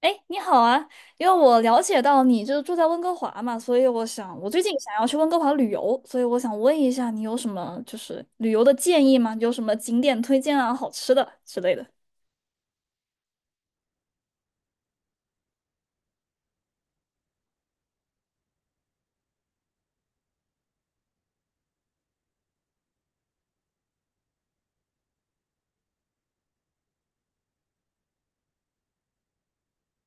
哎，你好啊，因为我了解到你就是住在温哥华嘛，所以我最近想要去温哥华旅游，所以我想问一下你有什么旅游的建议吗？有什么景点推荐啊、好吃的之类的？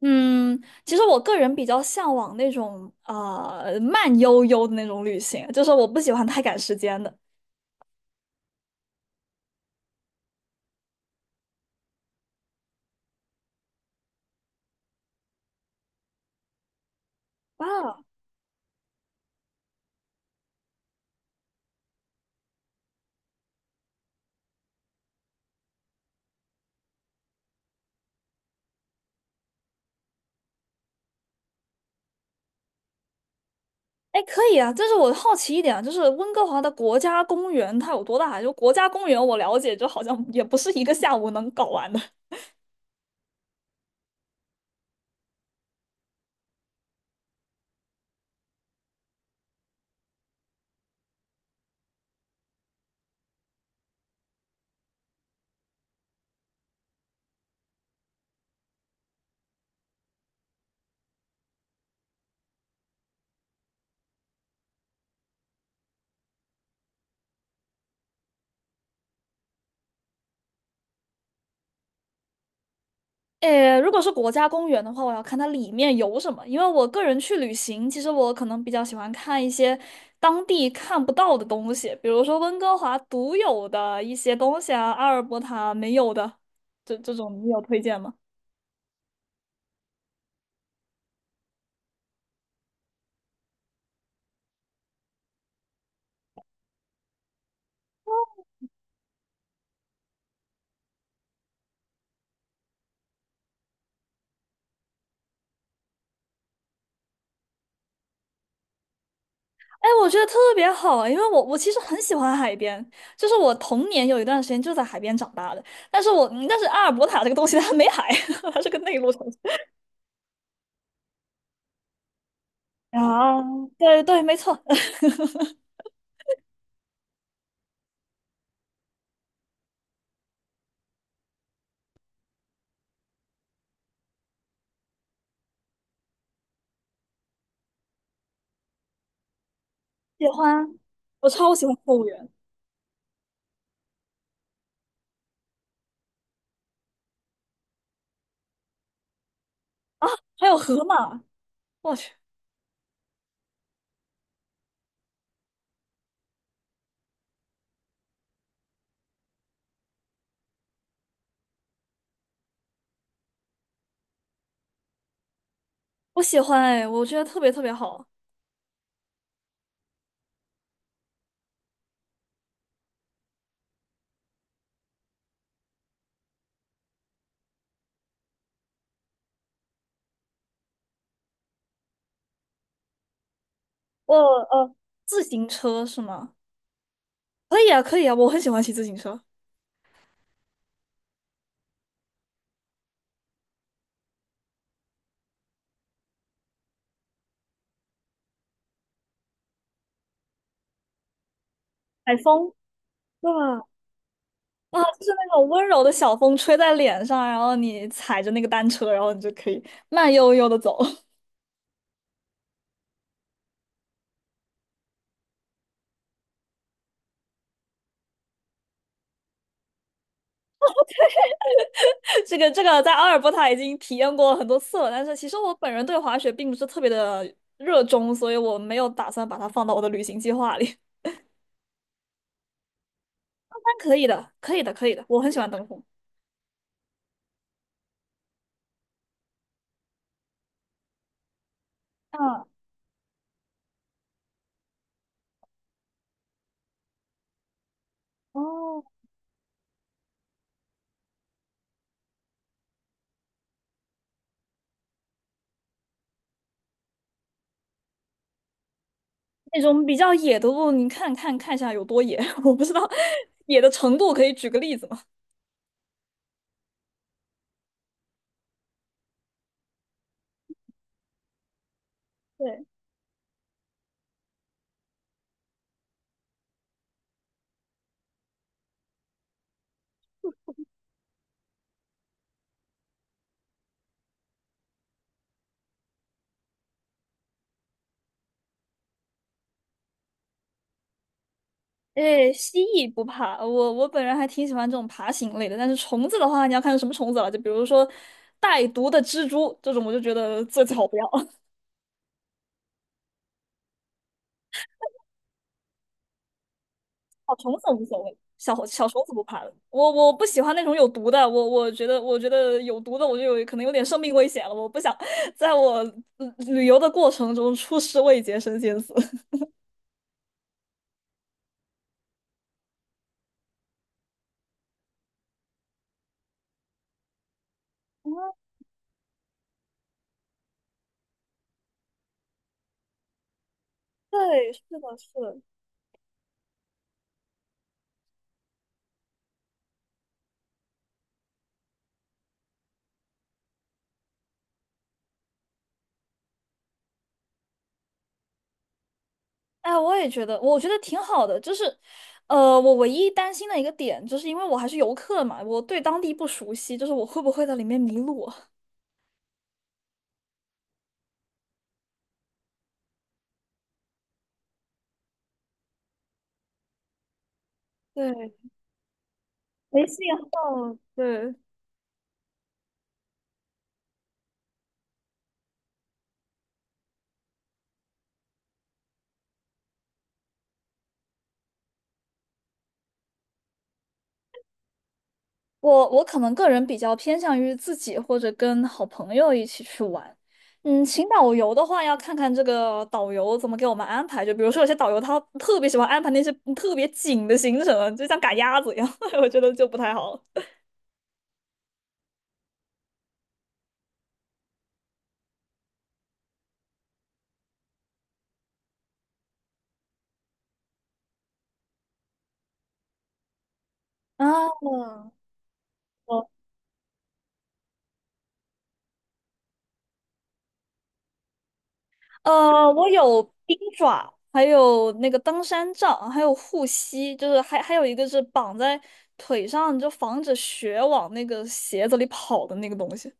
嗯，其实我个人比较向往那种啊慢悠悠的那种旅行，就是我不喜欢太赶时间的。哇，哎，可以啊，但是我好奇一点啊，就是温哥华的国家公园它有多大？就国家公园我了解，就好像也不是一个下午能搞完的。诶，如果是国家公园的话，我要看它里面有什么，因为我个人去旅行，其实我可能比较喜欢看一些当地看不到的东西，比如说温哥华独有的一些东西啊，阿尔伯塔没有的，这种你有推荐吗？哎，我觉得特别好，因为我其实很喜欢海边，就是我童年有一段时间就在海边长大的，但是阿尔伯塔这个东西它没海，它是个内陆城市。啊，对对，没错，喜欢，我超喜欢动物园。啊，还有河马，我去，我喜欢哎，我觉得特别特别好。我呃，自行车是吗？可以啊，可以啊，我很喜欢骑自行车。海风，对吧？啊，就是那种温柔的小风吹在脸上，然后你踩着那个单车，然后你就可以慢悠悠的走。这个在阿尔伯塔已经体验过很多次了，但是其实我本人对滑雪并不是特别的热衷，所以我没有打算把它放到我的旅行计划里。但可以的，可以的，可以的，我很喜欢登峰。嗯，哦，那种比较野的路，看看一下有多野，我不知道野的程度，可以举个例子吗？对，诶，蜥蜴不怕，我本人还挺喜欢这种爬行类的，但是虫子的话，你要看是什么虫子了，就比如说带毒的蜘蛛这种，我就觉得最最好不要。小虫子无所谓，小小虫子不怕的，我不喜欢那种有毒的，我觉得有毒的我就有可能有点生命危险了，我不想在旅游的过程中出师未捷身先死。啊，对，是的，是的。哎，我也觉得，我觉得挺好的。就是，我唯一担心的一个点，就是因为我还是游客嘛，我对当地不熟悉，就是我会不会在里面迷路？对，没信号，对，我我可能个人比较偏向于自己或者跟好朋友一起去玩。嗯，请导游的话，要看看这个导游怎么给我们安排。就比如说，有些导游他特别喜欢安排那些特别紧的行程，就像赶鸭子一样，我觉得就不太好。啊，我有冰爪，还有那个登山杖，还有护膝，就是还有一个是绑在腿上，就防止雪往那个鞋子里跑的那个东西。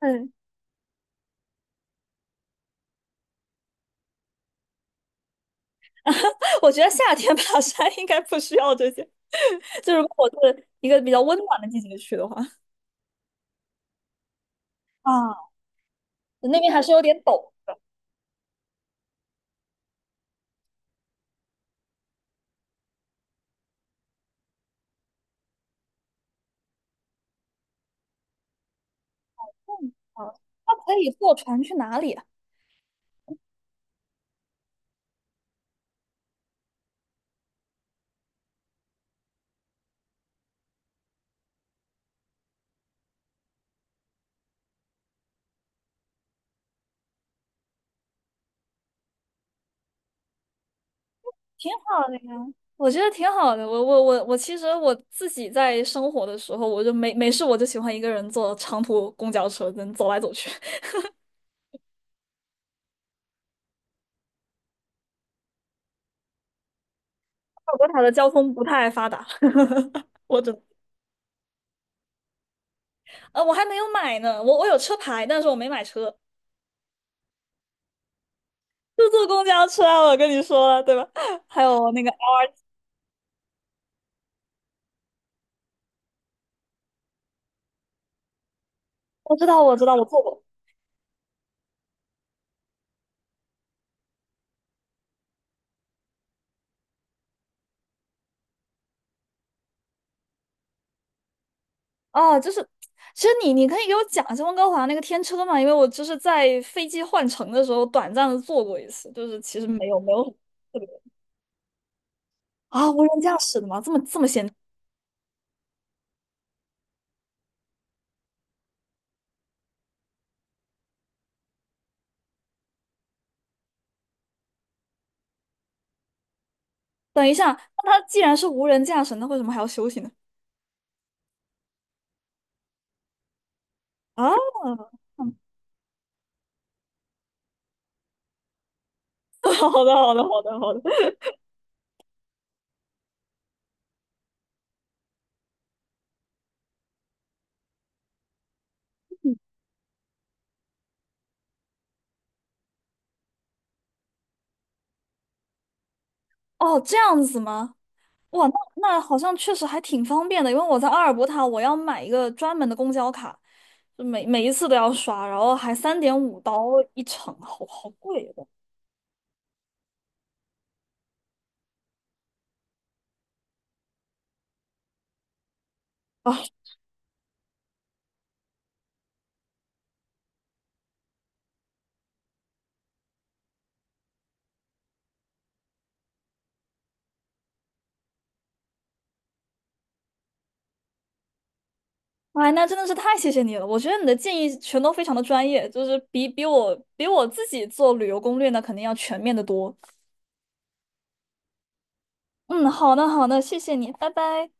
嗯，我觉得夏天爬山应该不需要这些，就如果我是一个比较温暖的季节去的话，啊，那边还是有点陡的。嗯，啊那可以坐船去哪里？挺好的呀，我觉得挺好的。我我我我，其实我自己在生活的时候，我就没没事，我就喜欢一个人坐长途公交车，能走来走去。我国塔的交通不太发达，我真呃，我还没有买呢。我有车牌，但是我没买车，就坐公交车啊。我跟你说了，对吧？还有那个，我知道，我知道，我坐过。哦，就是，其实你你可以给我讲一下温哥华那个天车嘛，因为我就是在飞机换乘的时候短暂的坐过一次，就是其实没有没有。特别。啊，无人驾驶的吗？这么这么闲？等一下，那它既然是无人驾驶，那为什么还要休息呢？啊，好的，好的，好的，好的。哦，这样子吗？哇，那那好像确实还挺方便的，因为我在阿尔伯塔，我要买一个专门的公交卡，每一次都要刷，然后还3.5刀一程，好好贵的啊！哎，那真的是太谢谢你了，我觉得你的建议全都非常的专业，就是比我自己做旅游攻略呢，肯定要全面的多。嗯，好的，好的，谢谢你，拜拜。